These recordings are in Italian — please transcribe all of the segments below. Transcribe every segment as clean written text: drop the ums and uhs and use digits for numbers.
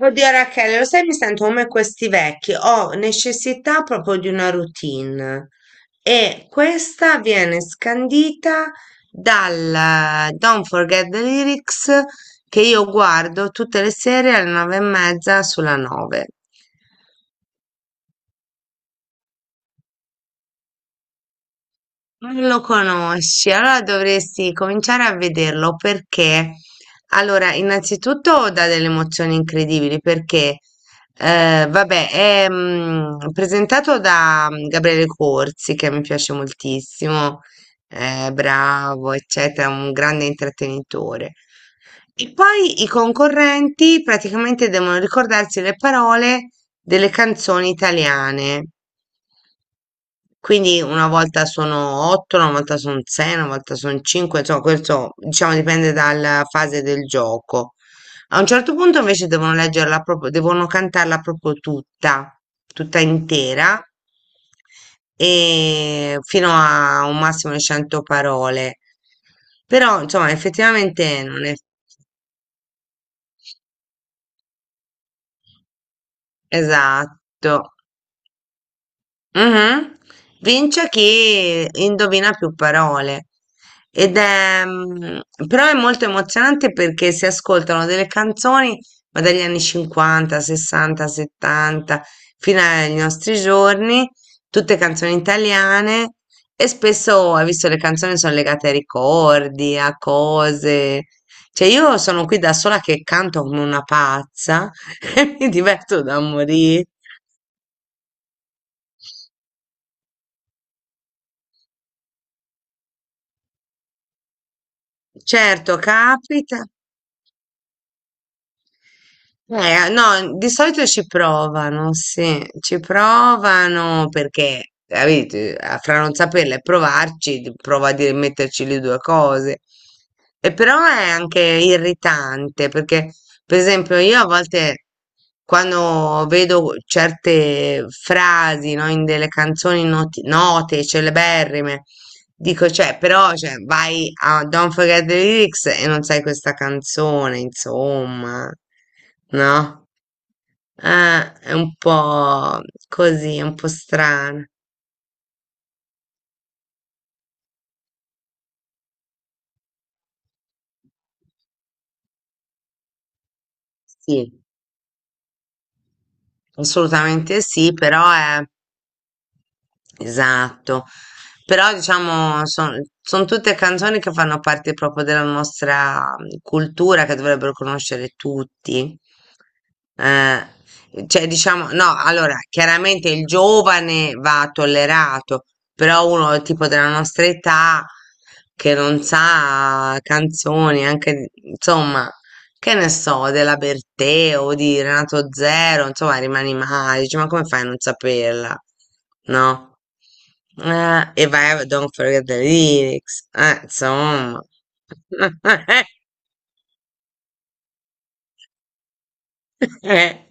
Oddio Rachele, lo sai, mi sento come questi vecchi, ho necessità proprio di una routine e questa viene scandita dal Don't Forget the Lyrics che io guardo tutte le sere alle 21:30 sulla 9. Non lo conosci, allora dovresti cominciare a vederlo perché, allora, innanzitutto dà delle emozioni incredibili perché, vabbè, è presentato da Gabriele Corsi, che mi piace moltissimo, è bravo, eccetera, un grande intrattenitore. E poi i concorrenti praticamente devono ricordarsi le parole delle canzoni italiane. Quindi una volta sono otto, una volta sono sei, una volta sono cinque, insomma, questo diciamo dipende dalla fase del gioco. A un certo punto invece devono leggerla proprio, devono cantarla proprio tutta, tutta intera, e fino a un massimo di 100 parole. Però, insomma, effettivamente non è. Esatto. Mhm. Vince chi indovina più parole. Ed è, però è molto emozionante perché si ascoltano delle canzoni, ma dagli anni 50, 60, 70, fino ai nostri giorni, tutte canzoni italiane e spesso, hai visto, le canzoni sono legate ai ricordi, a cose. Cioè io sono qui da sola che canto come una pazza e mi diverto da morire. Certo, capita. No, di solito ci provano, sì, ci provano perché, capite, fra non saperle e provarci, metterci le due cose. E però è anche irritante perché, per esempio, io a volte quando vedo certe frasi, no, in delle canzoni note, celeberrime, dico, cioè, però, cioè, vai a Don't Forget the Lyrics e non sai questa canzone, insomma, no? È un po' così, è un po' strano. Sì, assolutamente sì, però è. Esatto, però diciamo sono tutte canzoni che fanno parte proprio della nostra cultura che dovrebbero conoscere tutti. Eh, cioè diciamo, no, allora chiaramente il giovane va tollerato, però uno tipo della nostra età che non sa canzoni, anche insomma, che ne so, della Bertè o di Renato Zero, insomma, rimani male, dici, ma come fai a non saperla? No? E vai a Don't Forget the Lyrics, insomma. Eh,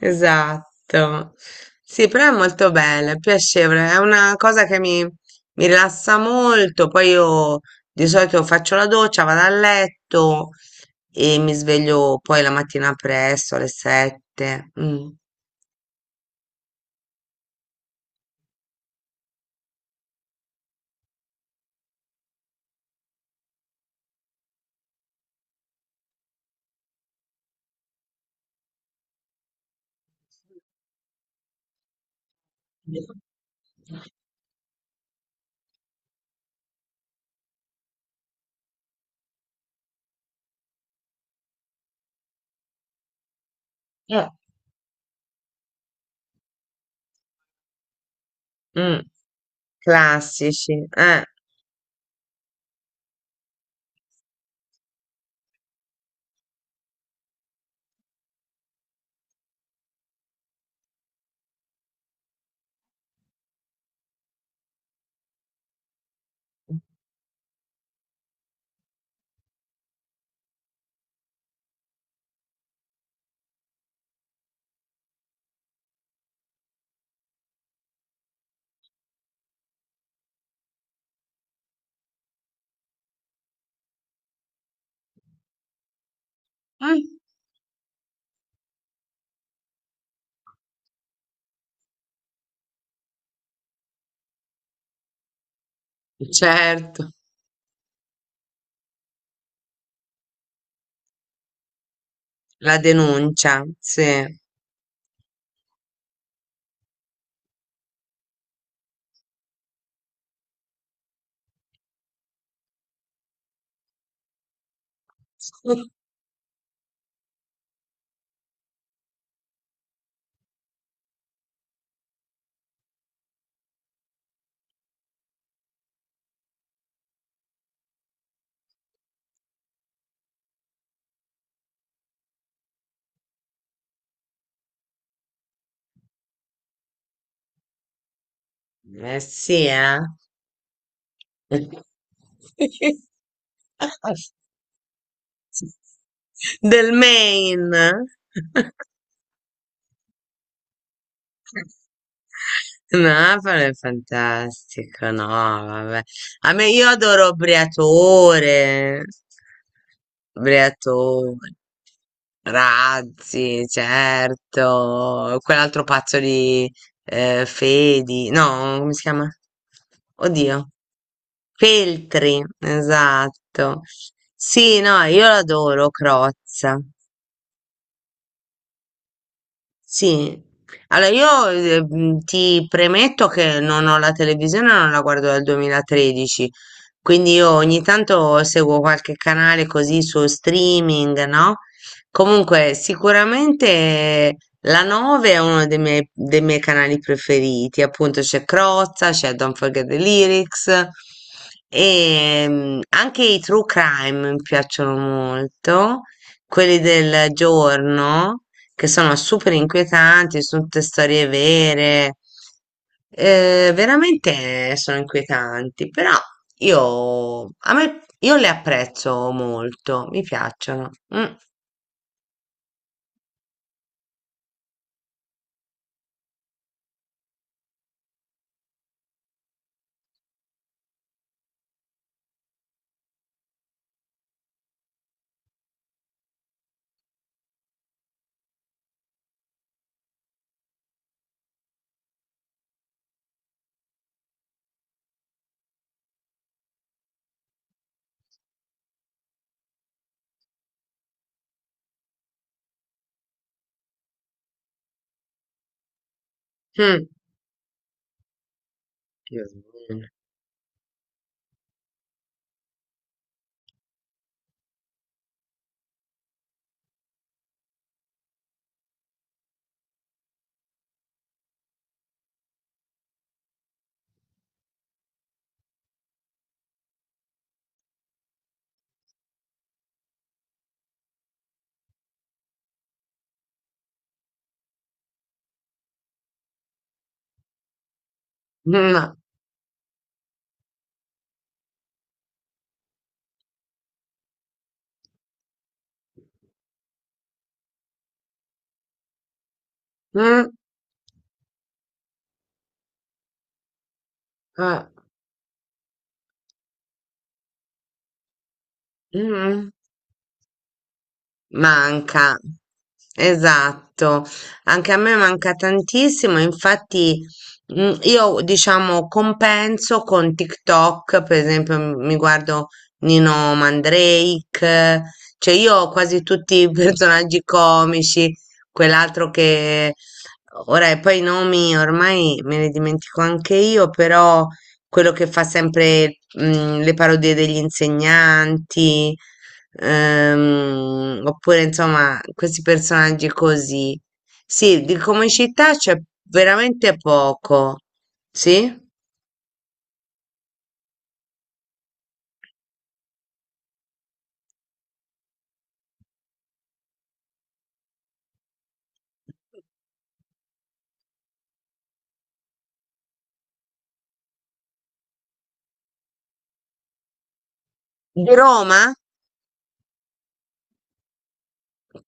esatto. Sì, però è molto bella, è piacevole, è una cosa che mi rilassa molto. Poi io di solito faccio la doccia, vado a letto e mi sveglio poi la mattina presto, alle 7. Mm. Eh, mm, classici, eh. Mm. Certo, la denuncia, sì. Eh sì, eh. Del Maine. Napoli è fantastico, no, vabbè. A me io adoro Briatore, Briatore, Razzi, certo, quell'altro pazzo di Fedi, no, come si chiama? Oddio, Feltri, esatto. Sì, no, io l'adoro, Crozza. Sì, allora io ti premetto che non ho la televisione, non la guardo dal 2013, quindi io ogni tanto seguo qualche canale così su streaming, no? Comunque sicuramente la 9 è uno dei miei canali preferiti, appunto c'è Crozza, c'è Don't Forget the Lyrics e anche i true crime mi piacciono molto, quelli del giorno che sono super inquietanti, sono tutte storie vere, veramente sono inquietanti, però io, a me, io le apprezzo molto, mi piacciono. Mm, mm. Mm, mm, eh, mm. Manca, esatto, anche a me manca tantissimo, infatti io diciamo compenso con TikTok, per esempio mi guardo Nino Mandrake, cioè io ho quasi tutti i personaggi comici, quell'altro che ora e poi i nomi ormai me li dimentico anche io, però quello che fa sempre, le parodie degli insegnanti, oppure insomma questi personaggi così. Sì, di comicità c'è veramente poco. Sì? Di Roma?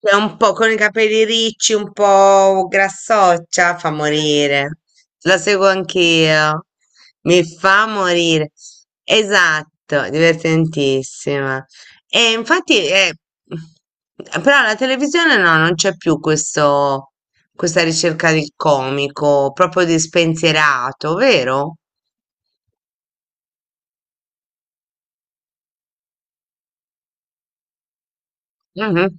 È un po' con i capelli ricci, un po' grassoccia, fa morire. La seguo anch'io. Mi fa morire. Esatto, divertentissima. E infatti, però la televisione no, non c'è più questo, questa ricerca del comico, proprio di spensierato, vero? Mhm.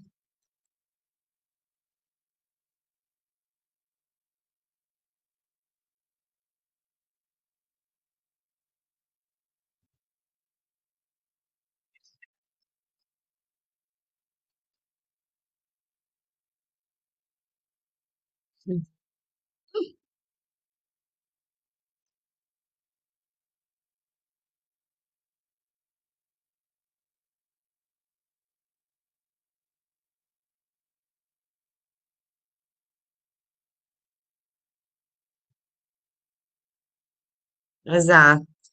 Esatto.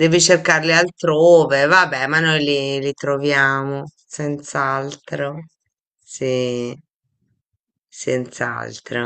Devi cercarli altrove, vabbè, ma noi li troviamo, senz'altro. Sì, senz'altro.